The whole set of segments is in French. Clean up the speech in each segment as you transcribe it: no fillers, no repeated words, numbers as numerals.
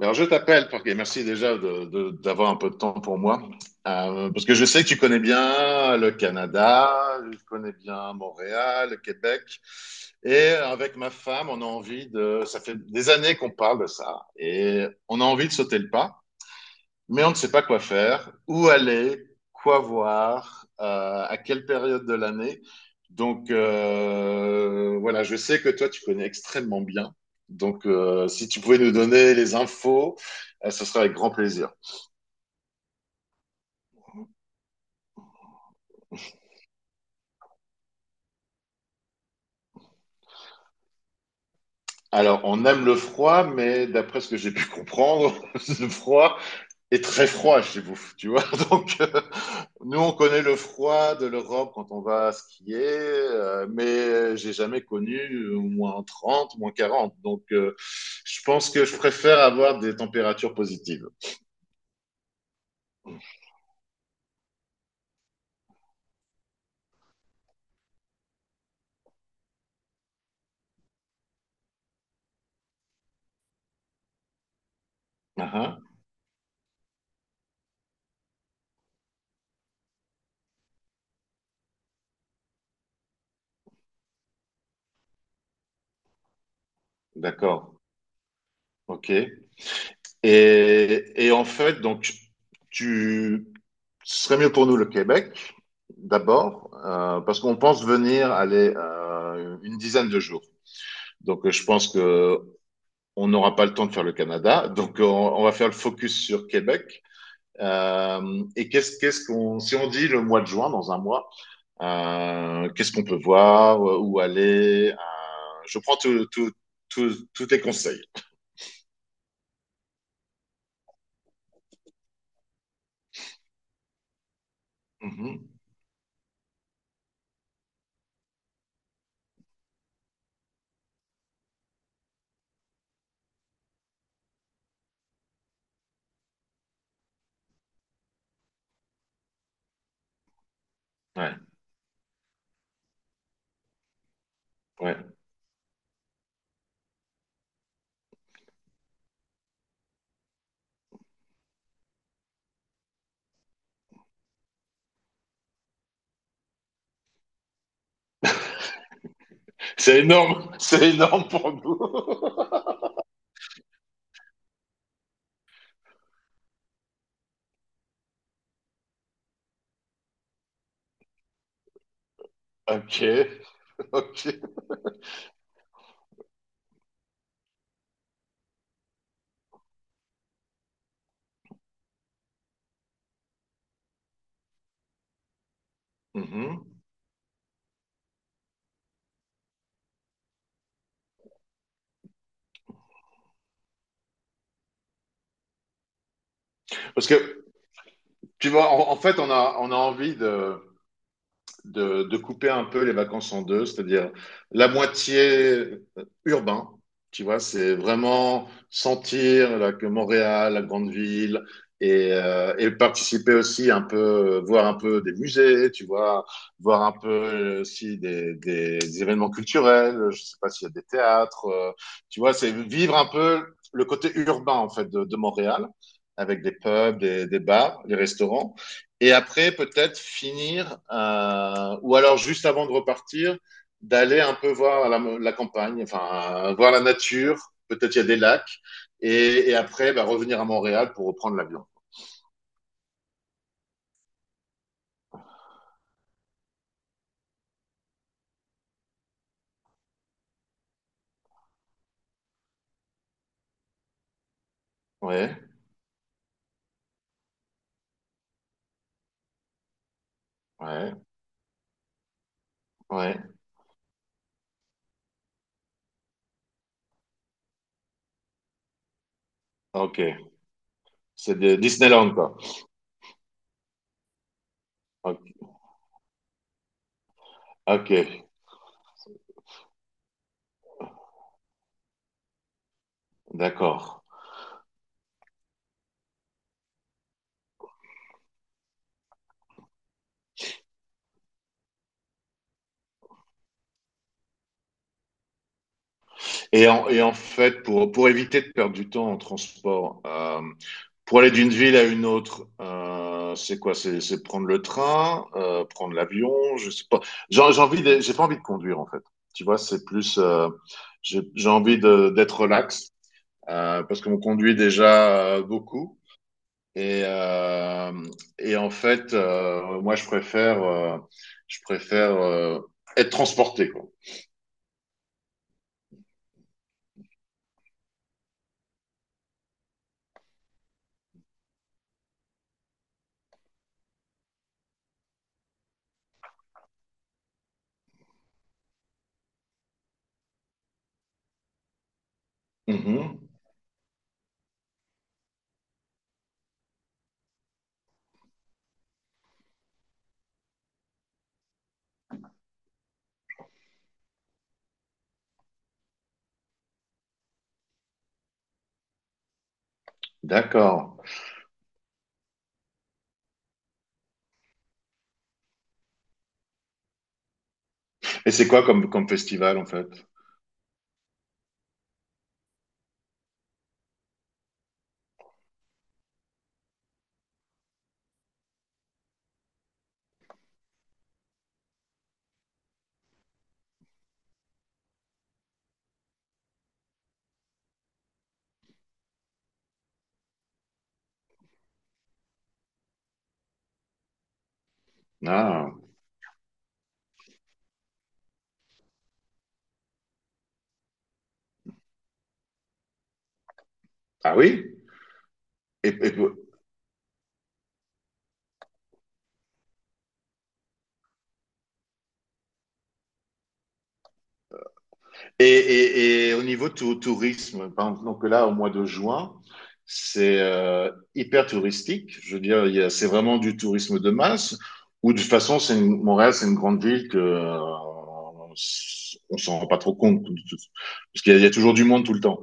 Alors, je t'appelle parce que merci déjà d'avoir un peu de temps pour moi. Parce que je sais que tu connais bien le Canada, je connais bien Montréal, le Québec. Et avec ma femme, on a envie de... Ça fait des années qu'on parle de ça. Et on a envie de sauter le pas mais on ne sait pas quoi faire, où aller, quoi voir, à quelle période de l'année. Donc, voilà, je sais que toi, tu connais extrêmement bien. Donc, si tu pouvais nous donner les infos, ce serait avec grand plaisir. Alors, on aime le froid, mais d'après ce que j'ai pu comprendre, le froid, et très froid chez vous, tu vois. Donc, nous, on connaît le froid de l'Europe quand on va skier, mais j'ai jamais connu moins 30, moins 40. Donc, je pense que je préfère avoir des températures positives. Ah, ah. D'accord. OK. Et en fait, donc, tu, ce serait mieux pour nous le Québec, d'abord, parce qu'on pense venir aller une dizaine de jours. Donc, je pense que on n'aura pas le temps de faire le Canada, donc on va faire le focus sur Québec. Et qu'est-ce qu'on si on dit le mois de juin dans un mois, qu'est-ce qu'on peut voir, où aller je prends tous tes conseils. Mhm. Ouais, ouais. C'est énorme, c'est énorme pour nous. Ok, ok. Mhm. Parce que tu vois, en, en fait, on a envie de de couper un peu les vacances en deux, c'est-à-dire la moitié urbain, tu vois, c'est vraiment sentir là, que Montréal, la grande ville, et participer aussi un peu, voir un peu des musées, tu vois, voir un peu aussi des événements culturels, je sais pas s'il y a des théâtres, tu vois, c'est vivre un peu le côté urbain en fait de Montréal, avec des pubs, des bars, des restaurants. Et après, peut-être finir, ou alors juste avant de repartir, d'aller un peu voir la, la campagne, enfin, voir la nature. Peut-être il y a des lacs. Et après, bah, revenir à Montréal pour reprendre l'avion. Ouais, ouais, ouais. Ok. C'est de Disneyland, quoi. Ok, ok, d'accord. Et en fait, pour éviter de perdre du temps en transport, pour aller d'une ville à une autre, c'est quoi? C'est prendre le train, prendre l'avion, je sais pas. J'ai envie de- j'ai pas envie de conduire en fait. Tu vois, c'est plus, j'ai envie de d'être relax parce qu'on conduit déjà beaucoup. Et euh, et en fait, moi je préfère, je préfère euh, être transporté quoi. Mhm. D'accord. Et c'est quoi comme, comme festival en fait? Ah, ah oui? Et, et, et au niveau tourisme, par exemple, donc là, au mois de juin, c'est hyper touristique. Je veux dire, il y a- c'est vraiment du tourisme de masse, ou de toute façon, c'est une- Montréal, c'est une grande ville que on s'en rend pas trop compte, parce qu'il y a, il y a toujours du monde tout le temps.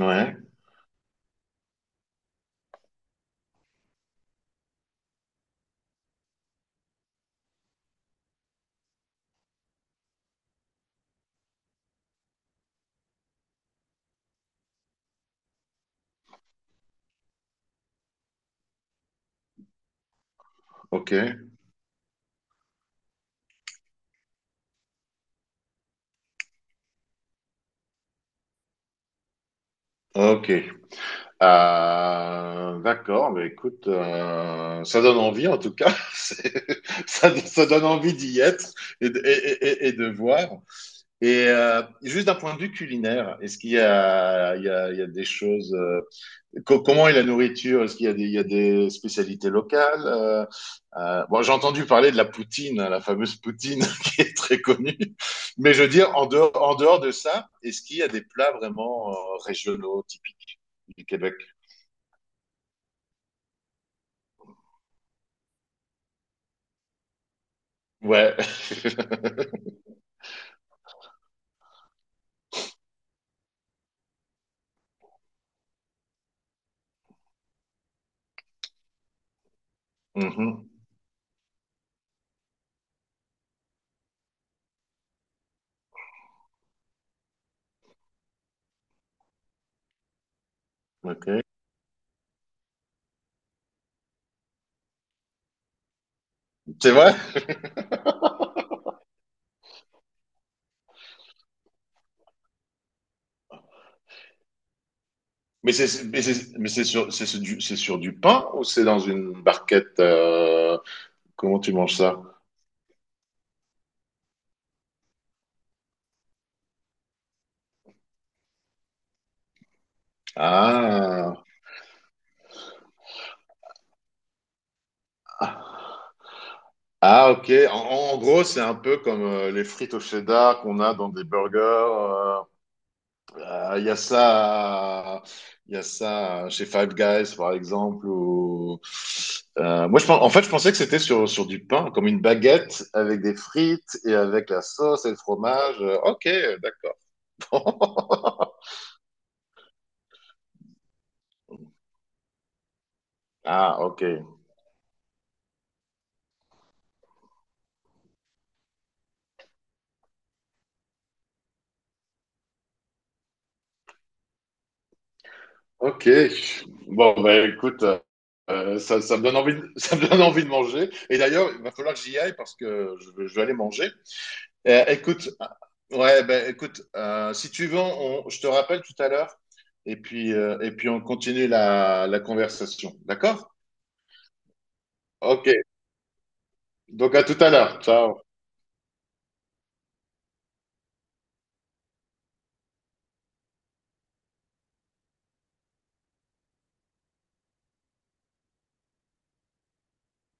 Ouais, ok, ok. D'accord, mais écoute, ça donne envie en tout cas. C'est- ça donne envie d'y être et de, et de voir. Et juste d'un point de vue culinaire, est-ce qu'il y a, il y a, il y a des choses comment est la nourriture? Est-ce qu'il y a des, il y a des spécialités locales? Bon, j'ai entendu parler de la poutine, hein, la fameuse poutine qui est très connue. Mais je veux dire, en dehors de ça, est-ce qu'il y a des plats vraiment régionaux typiques du Québec? Ouais. Mhm. OK. C'est vrai? Mais c'est mais c'est mais c'est sur du pain ou c'est dans une barquette comment tu manges ça? Ah. Ah ok. En, en gros, c'est un peu comme les frites au cheddar qu'on a dans des burgers. Il y a ça, il y a ça chez Five Guys, par exemple. Ou... moi, je, pen- en fait, je pensais que c'était sur, sur du pain, comme une baguette avec des frites et avec la sauce et le fromage. Ok, d'accord. Ah, ok. Ok. Bon, bah écoute, ça, ça me donne envie de, ça me donne envie de manger. Et d'ailleurs, il va falloir que j'y aille parce que je vais aller manger. Écoute, ouais, ben écoute, si tu veux, on- je te rappelle tout à l'heure et puis on continue la, la conversation. D'accord? Ok, donc à tout à l'heure. Ciao.